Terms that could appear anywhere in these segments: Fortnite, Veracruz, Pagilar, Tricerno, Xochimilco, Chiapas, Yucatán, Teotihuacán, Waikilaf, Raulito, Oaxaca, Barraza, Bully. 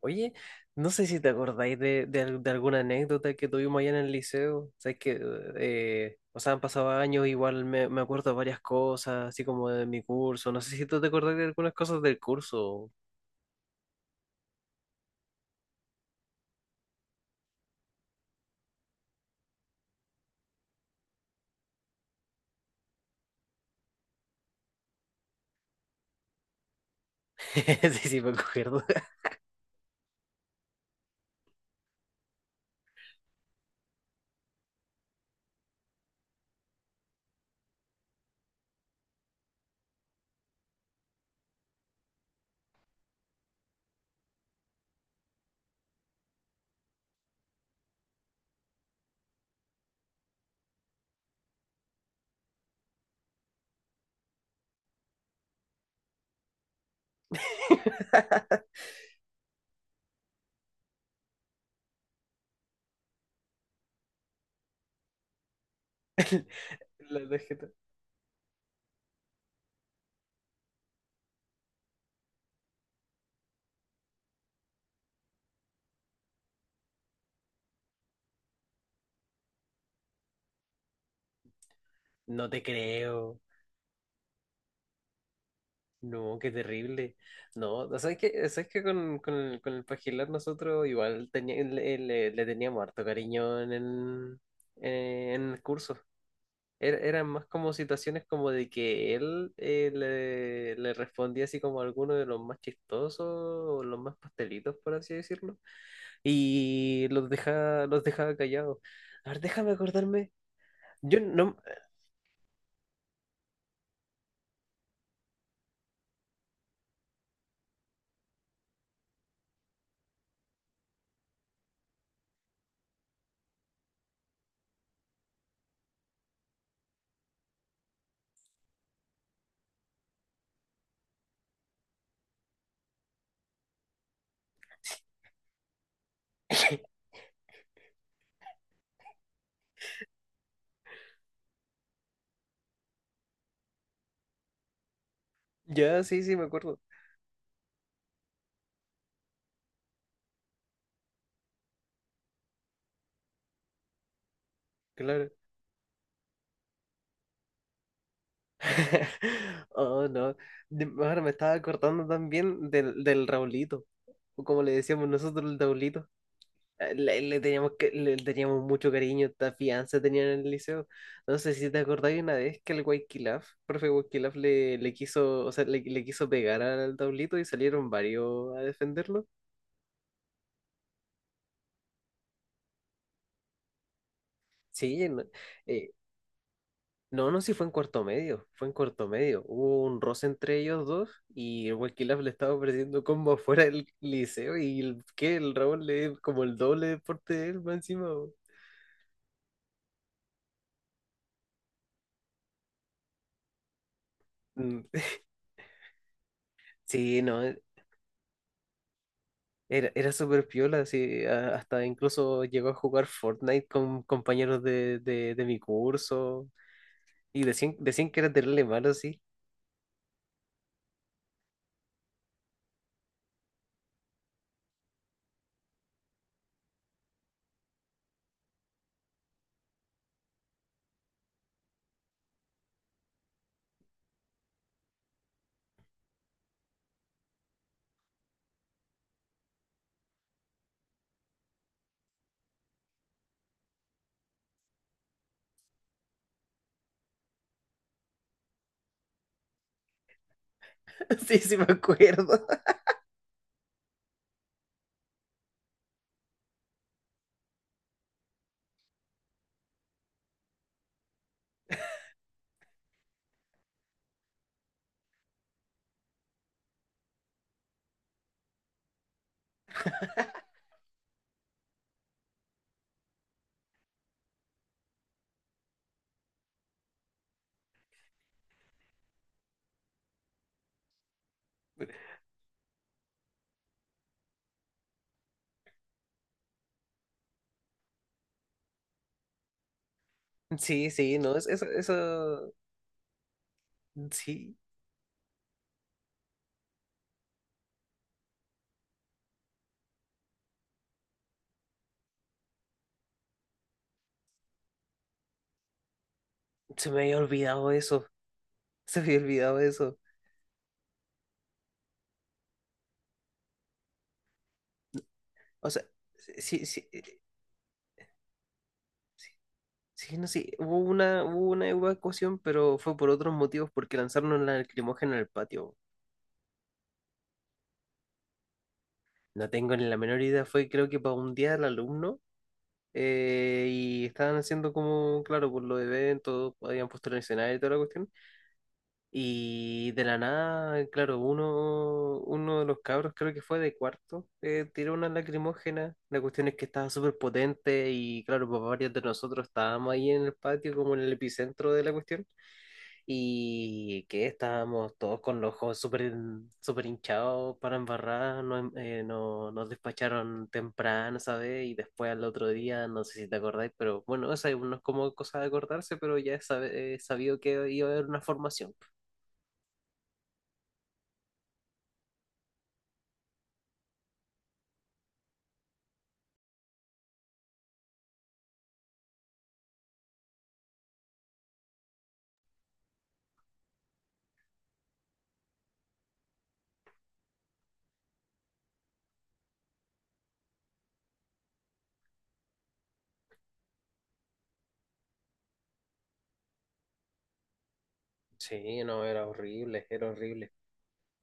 Oye, no sé si te acordáis de alguna anécdota que tuvimos allá en el liceo. Sabes que, o sea, han pasado años, igual me acuerdo de varias cosas, así como de mi curso. No sé si tú te acordás de algunas cosas del curso. Sí, sí, me acuerdo. La tarjeta. No te creo. No, qué terrible. No, ¿Sabes que con el Pagilar nosotros igual le teníamos harto cariño en en el curso? Eran más como situaciones como de que él le respondía así como alguno de los más chistosos o los más pastelitos, por así decirlo, y los dejaba callados. A ver, déjame acordarme. Yo no... Ya, sí, sí, me acuerdo. Claro. Oh, no. Ahora me estaba acordando también del Raulito, o como le decíamos nosotros, el Raulito. Le teníamos le teníamos mucho cariño, esta fianza tenían en el liceo. No sé si te acordáis una vez que el Waikilaf, profe Waikilaf, le quiso, o sea, le quiso pegar al tablito y salieron varios a defenderlo. Sí, no, eh, no, sí fue en cuarto medio, fue en cuarto medio. Hubo un roce entre ellos dos y el Waikilaf le estaba ofreciendo combo afuera del liceo y el, que el Raúl le como el doble de porte de él, más encima. Bo. Mm, Sí, no, era, era súper piola, sí, hasta incluso llegó a jugar Fortnite con compañeros de mi curso y decían, decían que era terrible malo, sí. Sí, sí me acuerdo. Sí, sí, no, eso, eso, sí, se me había olvidado eso, se me había olvidado eso. O sea, sí, sí, sí, no, sí hubo una evacuación, pero fue por otros motivos, porque lanzaron una lacrimógena en el patio. No tengo ni la menor idea, fue creo que para un día al alumno, y estaban haciendo como, claro, por los eventos, habían puesto el escenario y toda la cuestión. Y de la nada, claro, uno, uno de los cabros, creo que fue de cuarto, tiró una lacrimógena. La cuestión es que estaba súper potente y, claro, pues varios de nosotros estábamos ahí en el patio, como en el epicentro de la cuestión, y que estábamos todos con los ojos súper súper hinchados para embarrar, nos, no- nos despacharon temprano, ¿sabes? Y después al otro día, no sé si te acordáis, pero bueno, no es como cosa de acordarse, pero ya es sabido que iba a haber una formación. Sí, no, era horrible, era horrible.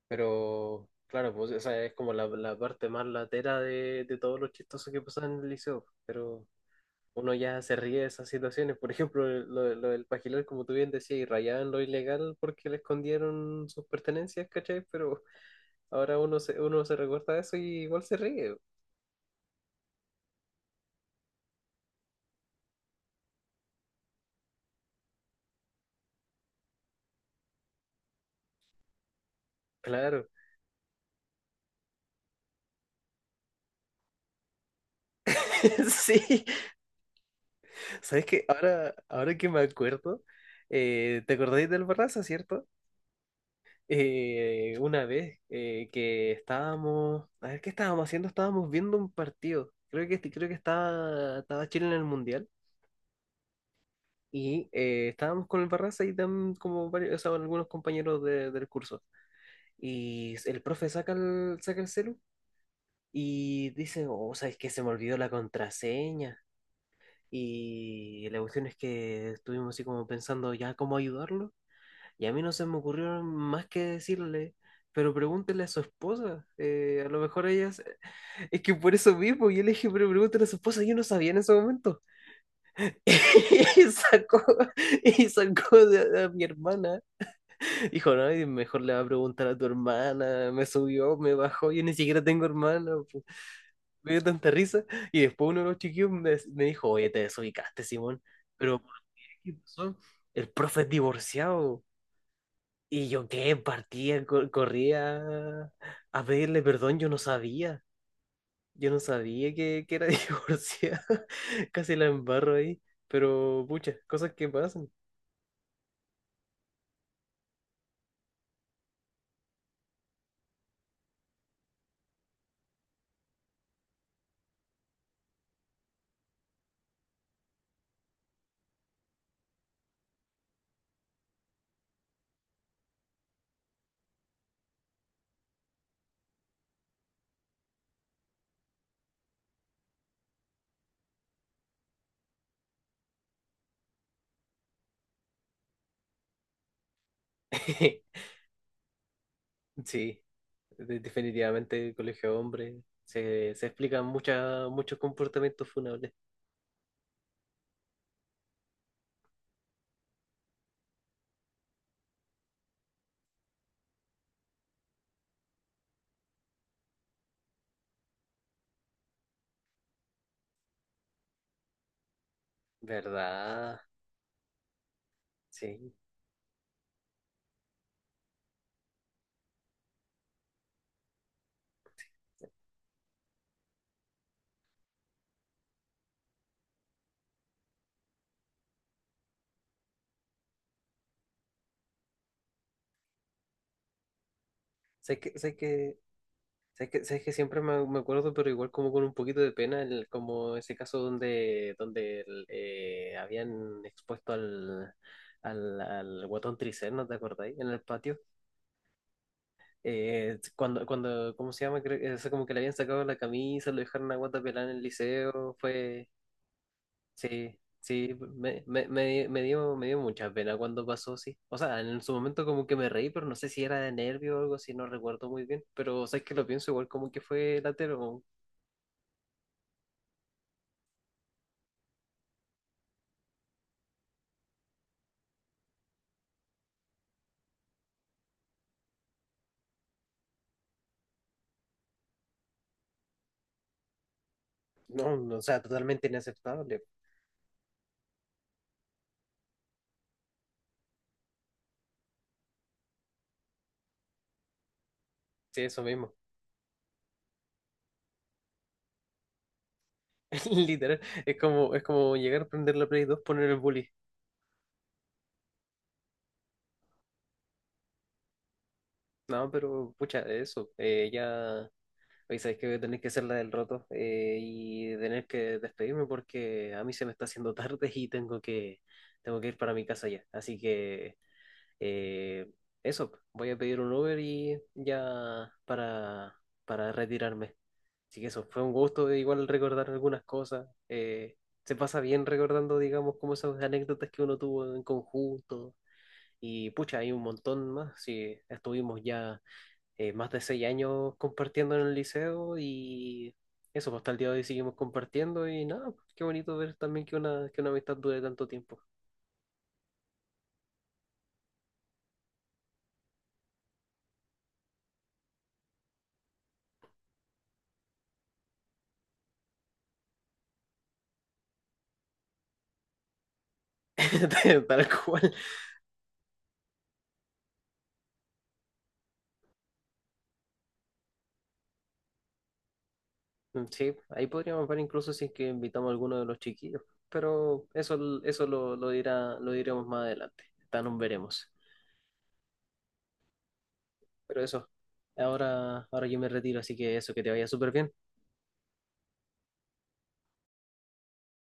Pero claro, pues esa es como la parte más latera de todo lo chistoso que pasaba en el liceo, pero... uno ya se ríe de esas situaciones. Por ejemplo, lo del Pajilar, como tú bien decías, y rayaban lo ilegal porque le escondieron sus pertenencias, ¿cachai? Pero ahora uno se recuerda eso y igual se ríe. Claro. Sí. ¿Sabes qué? Ahora, ahora que me acuerdo, ¿te acordáis del Barraza, cierto? Una vez que estábamos, a ver, ¿qué estábamos haciendo? Estábamos viendo un partido. Creo que estaba, estaba Chile en el Mundial. Y estábamos con el Barraza y como varios, o sea, algunos compañeros del curso. Y el profe saca saca el celu y dice, oh, ¿sabes qué? Se me olvidó la contraseña. Y la cuestión es que estuvimos así como pensando ya cómo ayudarlo. Y a mí no se me ocurrió más que decirle, pero pregúntele a su esposa. A lo mejor ella... Es que por eso mismo, yo le dije, pero pregúntele a su esposa, yo no sabía en ese momento. Y sacó, y sacó a mi hermana. Hijo, no, y mejor le va a preguntar a tu hermana, me subió, me bajó, yo ni siquiera tengo hermana, pu. Me dio tanta risa. Y después uno de los chiquillos me, me dijo, oye, te desubicaste, Simón, pero ¿por ¿qué ¿Qué pasó? El profe es divorciado. Y yo qué, partía, corría a pedirle perdón, yo no sabía que era divorciada, casi la embarro ahí, pero pucha, cosas que pasan. Sí. Definitivamente colegio de hombres. Se explican muchas, muchos comportamientos funables. ¿Verdad? Sí. Sé que, sé que, sé que, sé que siempre me, me acuerdo, pero igual como con un poquito de pena, como ese caso donde, donde el, habían expuesto al, al, al guatón Tricerno, ¿te acordáis? En el patio. Cuando, cuando, ¿cómo se llama? Creo, o sea, como que le habían sacado la camisa, lo dejaron a guata pelada en el liceo, fue... Sí, sí, me, me dio mucha pena cuando pasó, sí. O sea, en su momento como que me reí, pero no sé si era de nervio o algo así, no recuerdo muy bien. Pero, o sea, es que lo pienso igual como que fue latero. No, no, o sea, totalmente inaceptable. Sí, eso mismo. Literal, es como llegar a prender la Play 2, poner el bully. No, pero, pucha, eso, ya... Oye, sabes que voy a tener que hacer la del roto, y tener que despedirme porque a mí se me está haciendo tarde y tengo que ir para mi casa ya. Así que... Eh, eso, voy a pedir un Uber y ya para retirarme. Así que eso, fue un gusto igual recordar algunas cosas. Se pasa bien recordando, digamos, como esas anécdotas que uno tuvo en conjunto. Y pucha, hay un montón más. Sí, estuvimos ya más de 6 años compartiendo en el liceo y eso, pues, hasta el día de hoy seguimos compartiendo y nada, pues, qué bonito ver también que una amistad dure tanto tiempo. Tal cual. Mm, sí, ahí podríamos ver incluso si es que invitamos a alguno de los chiquillos, pero eso, lo dirá, lo diremos más adelante, tan veremos. Pero eso, ahora, ahora yo me retiro, así que eso, que te vaya súper bien.